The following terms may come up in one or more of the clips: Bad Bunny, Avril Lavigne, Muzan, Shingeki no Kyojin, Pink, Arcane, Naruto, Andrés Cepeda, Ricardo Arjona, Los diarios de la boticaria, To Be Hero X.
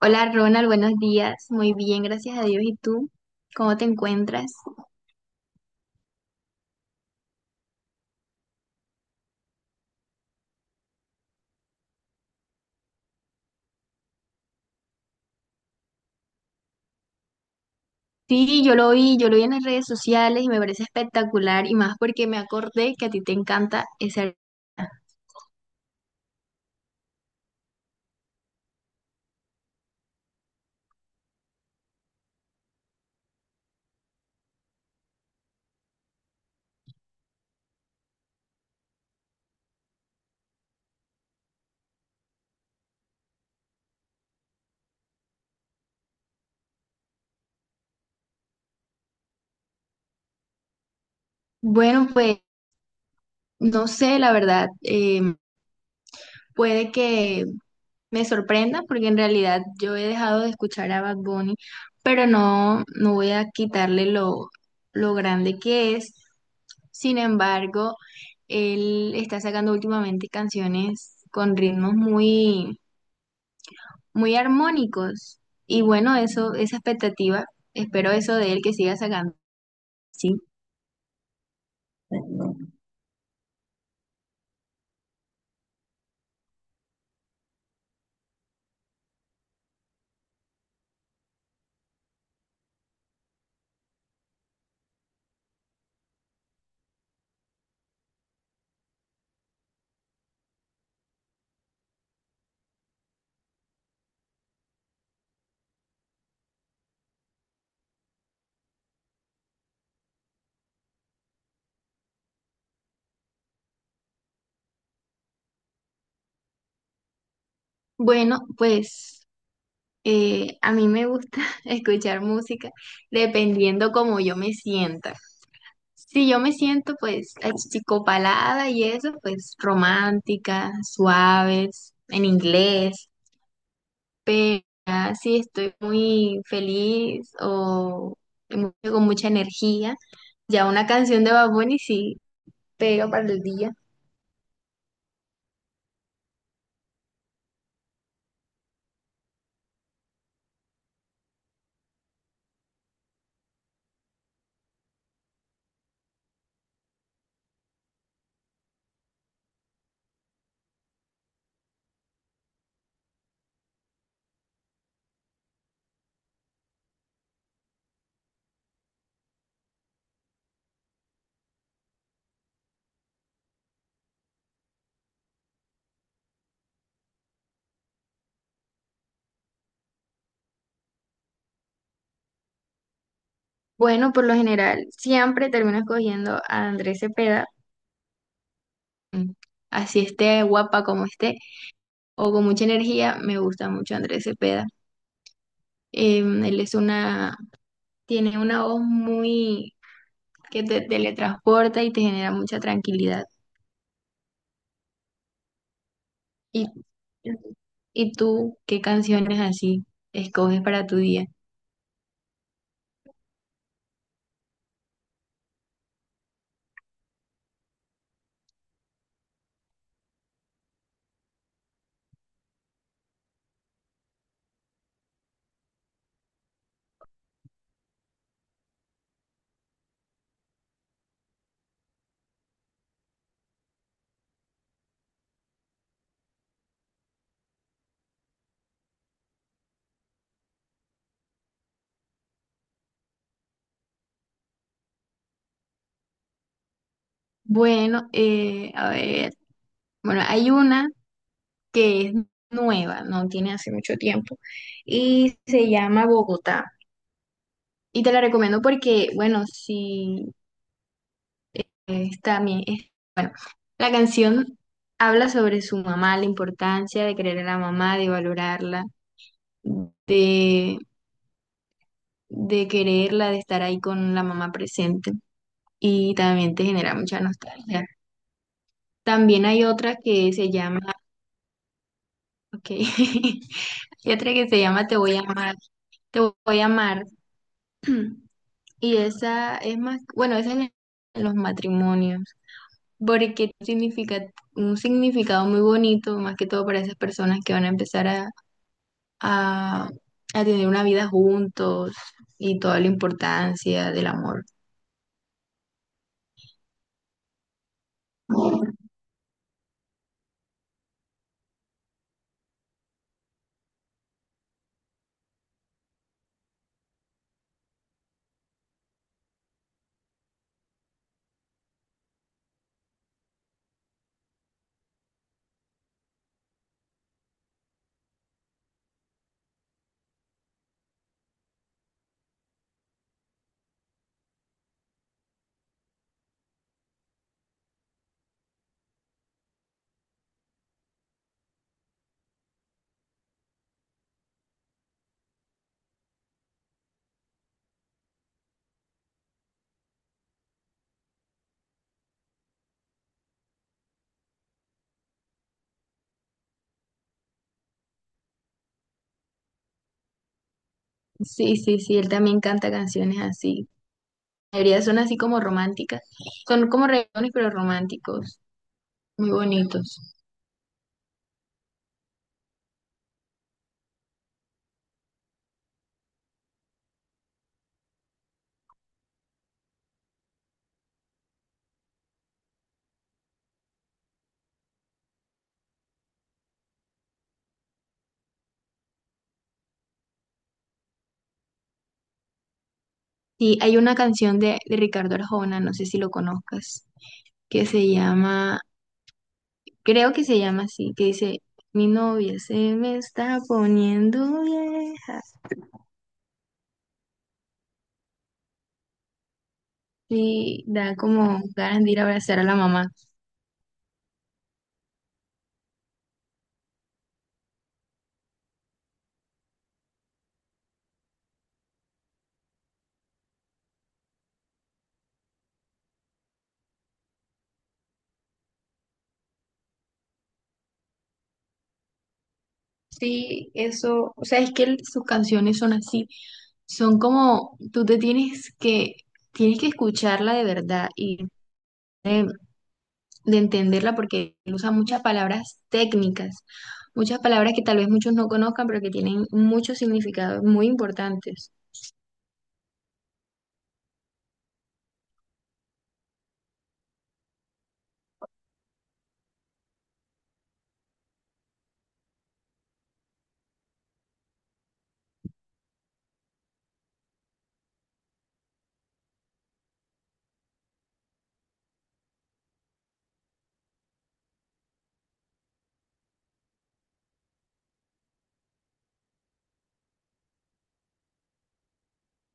Hola Ronald, buenos días. Muy bien, gracias a Dios. ¿Y tú? ¿Cómo te encuentras? Sí, yo lo vi, en las redes sociales y me parece espectacular y más porque me acordé que a ti te encanta ese... Bueno, pues no sé, la verdad, puede que me sorprenda porque en realidad yo he dejado de escuchar a Bad Bunny, pero no, no voy a quitarle lo grande que es. Sin embargo, él está sacando últimamente canciones con ritmos muy, muy armónicos. Y bueno, esa expectativa, espero eso de él que siga sacando. Sí. Bueno, pues a mí me gusta escuchar música dependiendo cómo yo me sienta. Si yo me siento pues achicopalada y eso, pues romántica, suaves, en inglés, pero ya si estoy muy feliz o con mucha energía, ya una canción de Bad Bunny sí pega para el día. Bueno, por lo general siempre termino escogiendo a Andrés Cepeda, mm, así esté guapa como esté o con mucha energía, me gusta mucho Andrés Cepeda. Em, él es una, tiene una voz muy que te teletransporta y te genera mucha tranquilidad. ¿Y, ¿y tú qué canciones así escoges para tu día? Bueno, a ver, bueno, hay una que es nueva, no tiene hace mucho tiempo, y se llama Bogotá. Y te la recomiendo porque, bueno, sí está bien. La canción habla sobre su mamá, la importancia de querer a la mamá, de valorarla, de de quererla, de estar ahí con la mamá presente y también te genera mucha nostalgia. También hay otra ok, hay otra que se llama Te voy a amar, Te voy a amar y esa es más, bueno, en los matrimonios, porque significa un significado muy bonito, más que todo para esas personas que van a empezar a, a tener una vida juntos y toda la importancia del amor. Sí, sí, sí, él también canta canciones así. La mayoría son así como románticas. Son como reggaetones, pero románticos, muy bonitos. Sí, hay una canción de Ricardo Arjona, no sé si lo conozcas, que se llama, creo que se llama así, que dice, mi novia se me está poniendo vieja. Y da como ganas de ir a abrazar a la mamá. Sí, eso, o sea, es que sus canciones son así, son como, tú te tienes que escucharla de verdad y de, de entenderla porque él usa muchas palabras técnicas, muchas palabras que tal vez muchos no conozcan, pero que tienen muchos significados muy importantes.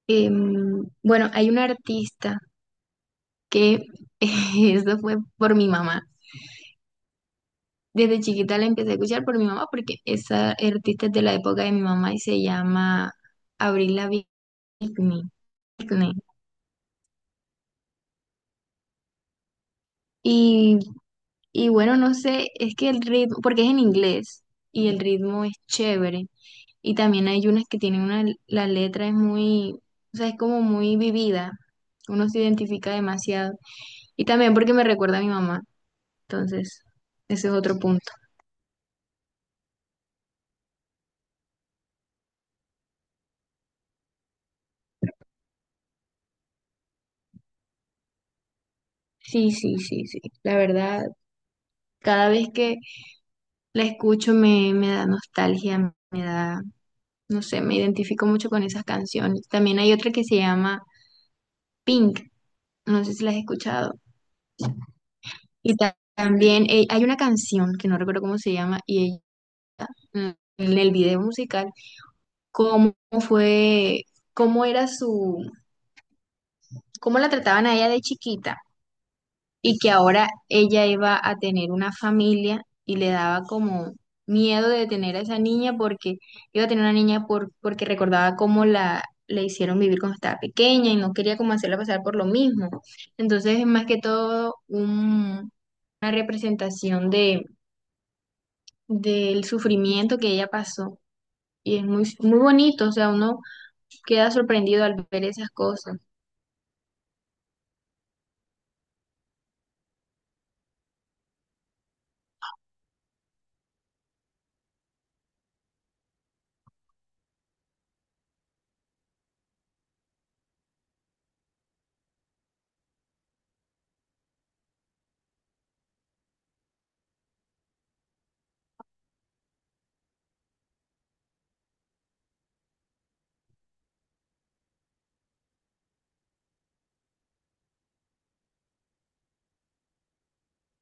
Bueno, hay una artista que, eso fue por mi mamá. Desde chiquita la empecé a escuchar por mi mamá porque esa artista es de la época de mi mamá y se llama... Abril Lavigne Pickney, Pickney. Y, y bueno, no sé, es que el ritmo, porque es en inglés y el ritmo es chévere. Y también hay unas que la letra es muy, o sea, es como muy vivida. Uno se identifica demasiado. Y también porque me recuerda a mi mamá. Entonces, ese es otro punto. Sí, sí, sí, sí. La verdad, cada vez que la escucho me da nostalgia, me da, no sé, me identifico mucho con esas canciones. También hay otra que se llama Pink. No sé si la has escuchado. Y también hay una canción que no recuerdo cómo se llama mm, en el video musical, cómo fue, cómo era su, cómo la trataban a ella de chiquita y que ahora ella iba a tener una familia y le daba como miedo de tener a esa niña porque iba a tener una niña porque recordaba cómo la le hicieron vivir cuando estaba pequeña y no quería como hacerla pasar por lo mismo. Entonces es más que todo una representación del sufrimiento que ella pasó. Y es muy, muy bonito, o sea, uno queda sorprendido al ver esas cosas.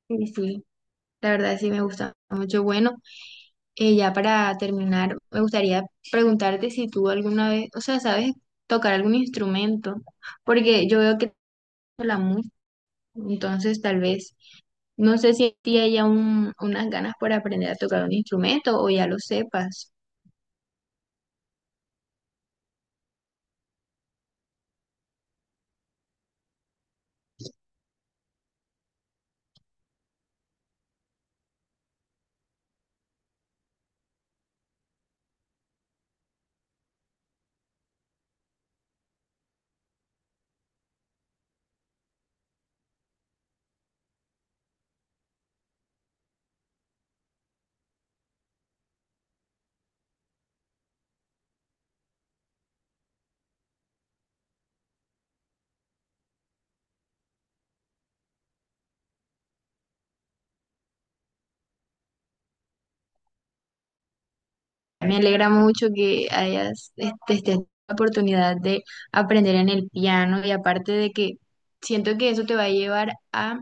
Y sí, la verdad sí me gusta mucho. Bueno, ya para terminar, me gustaría preguntarte si tú alguna vez, o sea, sabes tocar algún instrumento, porque yo veo que la música, entonces tal vez, no sé si a ti hay un unas ganas por aprender a tocar un instrumento o ya lo sepas. Me alegra mucho que hayas estés teniendo la oportunidad de aprender en el piano y aparte de que siento que eso te va a llevar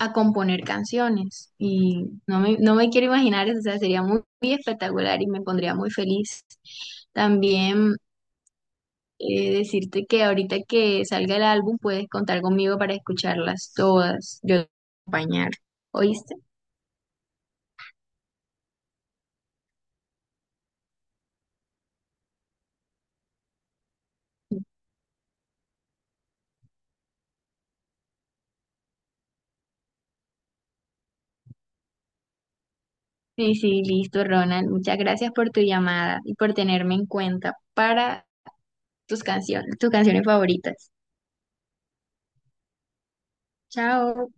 a componer canciones y no me quiero imaginar eso, o sea, sería muy, muy espectacular y me pondría muy feliz. También decirte que ahorita que salga el álbum puedes contar conmigo para escucharlas todas, yo te voy a acompañar, ¿oíste? Sí, sí, listo, Ronald. Muchas gracias por tu llamada y por tenerme en cuenta para tus canciones favoritas. Chao.